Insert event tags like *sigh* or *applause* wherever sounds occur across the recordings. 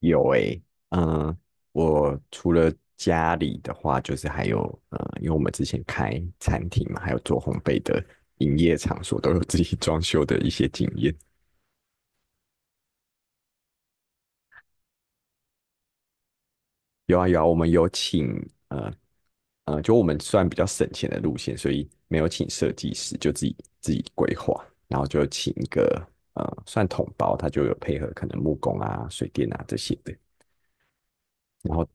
有诶，嗯，我除了家里的话，就是还有，因为我们之前开餐厅嘛，还有做烘焙的营业场所，都有自己装修的一些经验。有啊有啊，我们有请，呃就我们算比较省钱的路线，所以没有请设计师，就自己规划，然后就请一个算统包，他就有配合可能木工啊、水电啊这些的。然后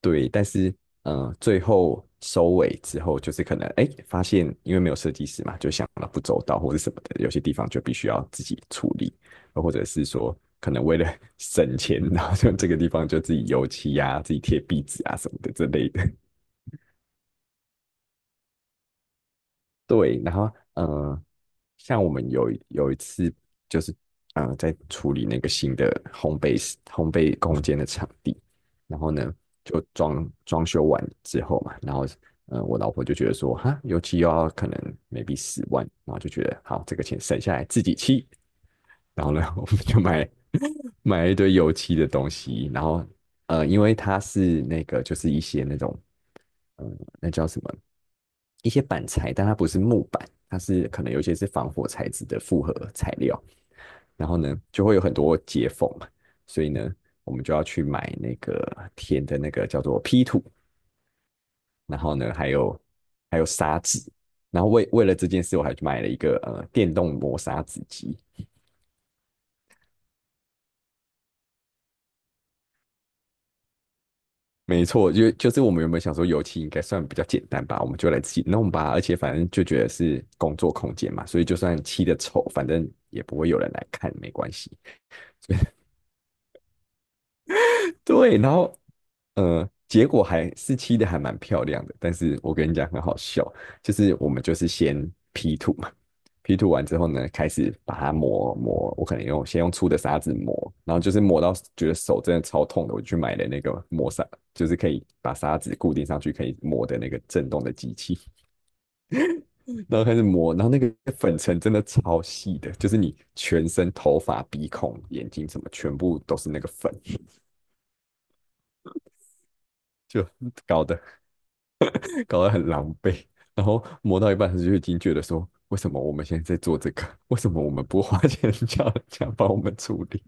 对，但是，最后收尾之后，就是可能哎，发现因为没有设计师嘛，就想了不周到或者什么的，有些地方就必须要自己处理，或者是说可能为了 *laughs* 省钱，然后就这个地方就自己油漆啊、自己贴壁纸啊什么的之类的。对，然后，像我们有一次，就是，在处理那个新的烘焙室烘焙空间的场地。然后呢就装修完之后嘛，然后，我老婆就觉得说哈，油漆又要可能 maybe 10万，然后就觉得好这个钱省下来自己漆。然后呢 *laughs* 我们就买了一堆油漆的东西。然后，因为它是那个就是一些那种，那叫什么？一些板材，但它不是木板，它是可能有些是防火材质的复合材料。然后呢就会有很多接缝嘛，所以呢我们就要去买那个填的那个叫做 P 土，然后呢还有，砂纸。然后为了这件事我还去买了一个电动磨砂纸机。没错，就是我们原本想说油漆应该算比较简单吧，我们就来自己弄吧。而且反正就觉得是工作空间嘛，所以就算漆的丑，反正也不会有人来看，没关系。对，然后，结果还是漆的还蛮漂亮的，但是我跟你讲很好笑，就是我们就是先 P 图嘛，P 图完之后呢，开始把它磨磨，我可能先用粗的砂纸磨，然后就是磨到觉得手真的超痛的，我就去买了那个磨砂，就是可以把砂纸固定上去可以磨的那个震动的机器。*laughs* 然后开始磨，然后那个粉尘真的超细的，就是你全身头发、鼻孔、眼睛什么全部都是那个粉，就搞的。搞得很狼狈。然后磨到一半他就已经觉得说，为什么我们现在在做这个？*laughs* 为什么我们不花钱 *laughs* 叫人家帮我们处理？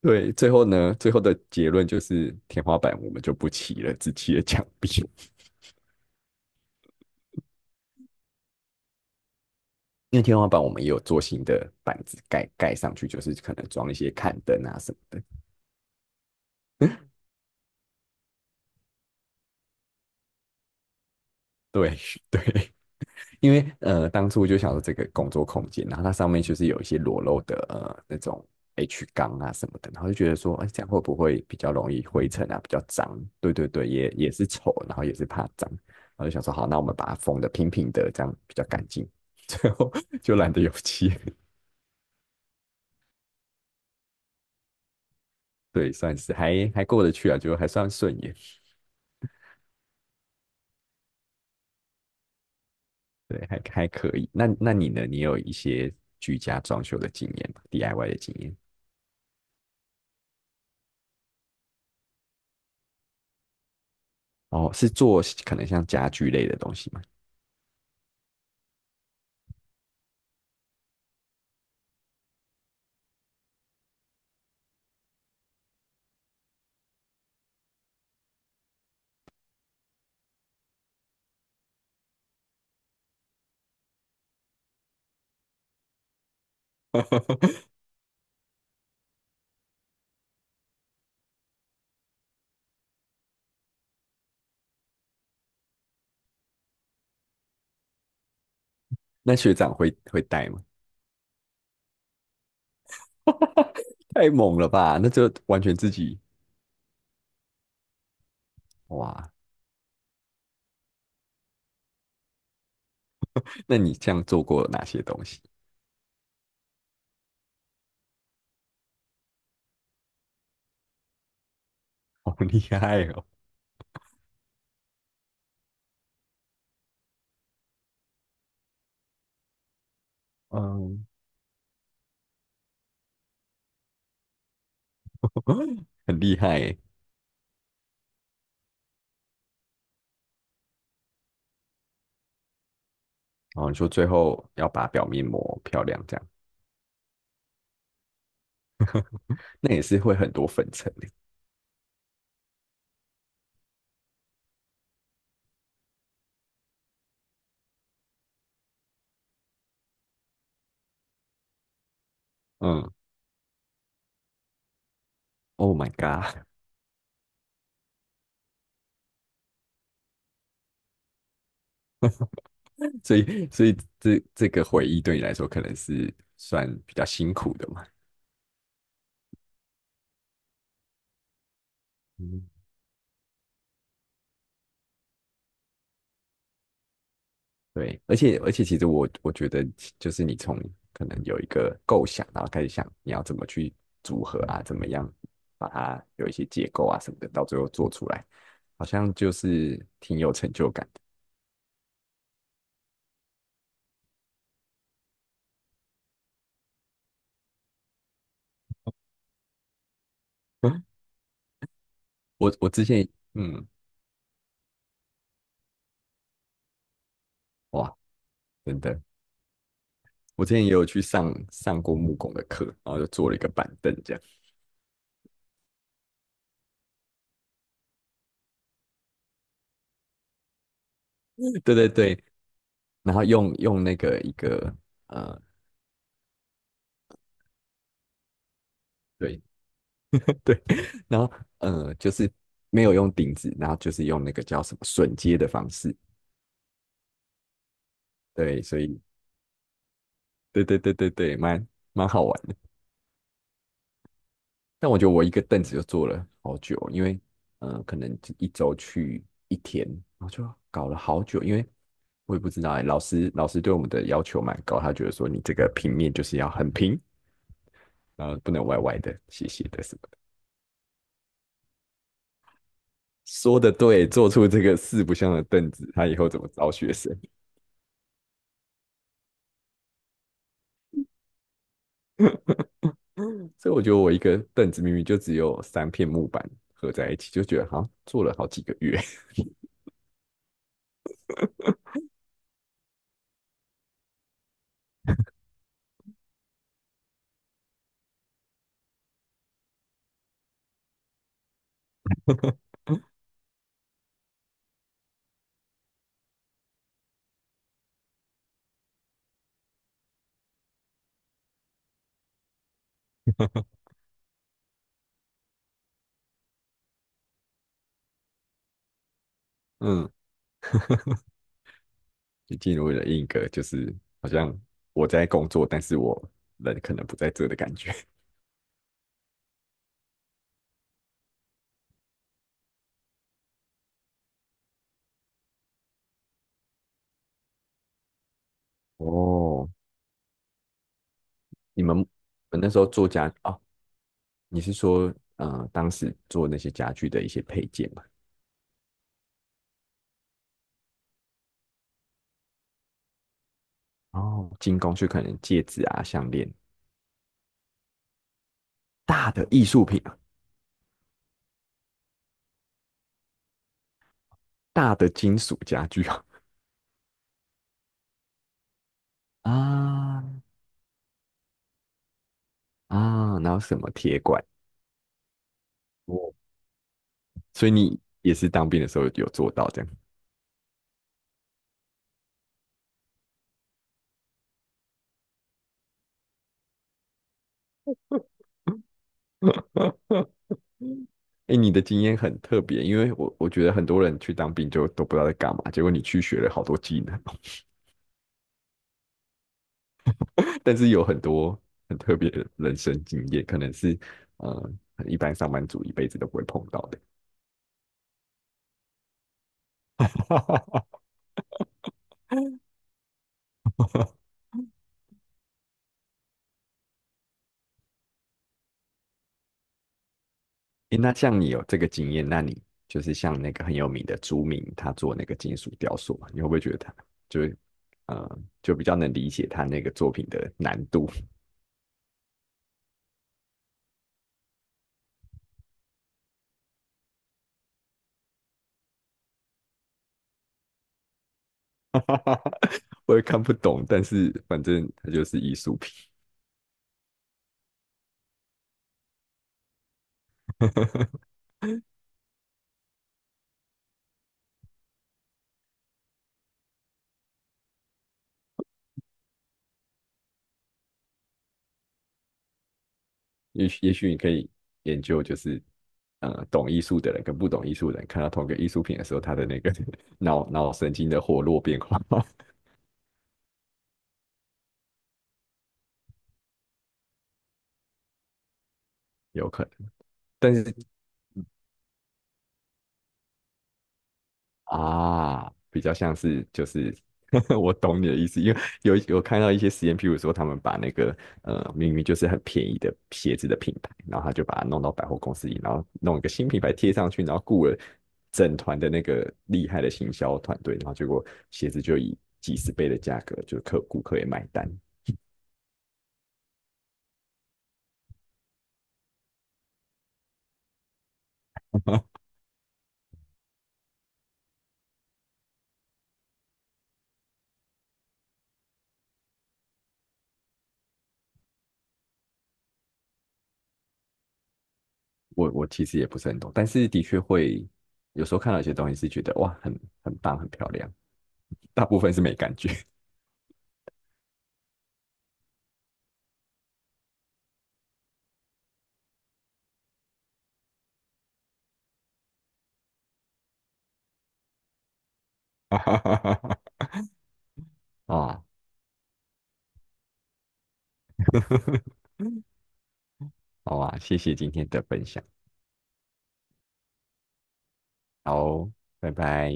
对，最后呢，最后的结论就是天花板我们就不漆了，只漆了墙壁。*laughs* 因为天花板我们也有做新的板子盖上去，就是可能装一些看灯啊什么的。对 *laughs* 对，因为，当初就想说这个工作空间，然后它上面就是有一些裸露的那种 H 钢啊什么的。然后就觉得说，哎，这样会不会比较容易灰尘啊，比较脏？对对对，也是丑，然后也是怕脏。然后就想说，好，那我们把它封的平平的，这样比较干净。*laughs* 最后就懒得油漆。*laughs* 对，算是还过得去啊，就还算顺眼。对，还可以。那你呢？你有一些居家装修的经验吗？DIY 的经验？哦，是做可能像家具类的东西吗？*laughs* 那学长会带吗？太猛了吧！那就完全自己。哇。那你这样做过哪些东西？*laughs* 好厉害哦。嗯。*laughs* 很厉害欸。然后你说最后要把表面磨漂亮，这样那也是会很多粉尘的。嗯，Oh my god！*laughs* 所以这个回忆对你来说可能是算比较辛苦的嘛？嗯，对，而且，其实我觉得，就是你从可能有一个构想，然后开始想你要怎么去组合啊，怎么样把它有一些结构啊什么的，到最后做出来，好像就是挺有成就感的。*laughs* 我之前，嗯，哇，真的。我之前也有去上过木工的课，然后就做了一个板凳这样。*laughs* 对对对，然后用那个一个呃。对。对，然后，就是没有用顶子，然后就是用那个叫什么榫接的方式。对，所以对对对对对，蛮好玩的。但我觉得我一个凳子就坐了好久，因为，可能一周去一天，然后就搞了好久。因为我也不知道哎，老师对我们的要求蛮高，他觉得说你这个平面就是要很平，然后不能歪歪的、斜斜的什么的。说的对，做出这个四不像的凳子，他以后怎么招学生？所以我觉得我一个凳子明明就只有3片木板合在一起，就觉得好像做了好几个月。*laughs* 嗯，就进入了一个就是好像我在工作，但是我人可能不在这的感觉。*laughs* 哦，你们那时候做家哦，你是说当时做那些家具的一些配件嘛？哦，精工就可能戒指啊、项链。大的艺术品啊。大的金属家具啊。啊啊，然后什么铁管。哦，所以你也是当兵的时候有做到这样。*laughs* 哎，你的经验很特别，因为我觉得很多人去当兵就都不知道在干嘛，结果你去学了好多技能哦。*laughs* 但是有很多很特别的人生经验，可能是呃一般上班族一辈子都不会碰到的。*laughs* 哎，那像你有这个经验，那你就是像那个很有名的朱铭，他做那个金属雕塑嘛，你会不会觉得他就是，就比较能理解他那个作品的难度？*laughs* 我也看不懂，但是反正它就是艺术品。*laughs* 也许你可以研究，就是，懂艺术的人跟不懂艺术的人看到同一个艺术品的时候，他的那个 *laughs* 脑神经的活络变化。 *laughs* 有可能。但是啊，比较像是就是， *laughs* 我懂你的意思，因为有看到一些实验，譬如说他们把那个，明明就是很便宜的鞋子的品牌，然后他就把它弄到百货公司里，然后弄一个新品牌贴上去，然后雇了整团的那个厉害的行销团队，然后结果鞋子就以几十倍的价格，就顾客也买单。*laughs* 我其实也不是很懂，但是的确会有时候看到一些东西是觉得哇，很棒，很漂亮，大部分是没感觉。*laughs* 啊，好啊，谢谢今天的分享。好，拜拜。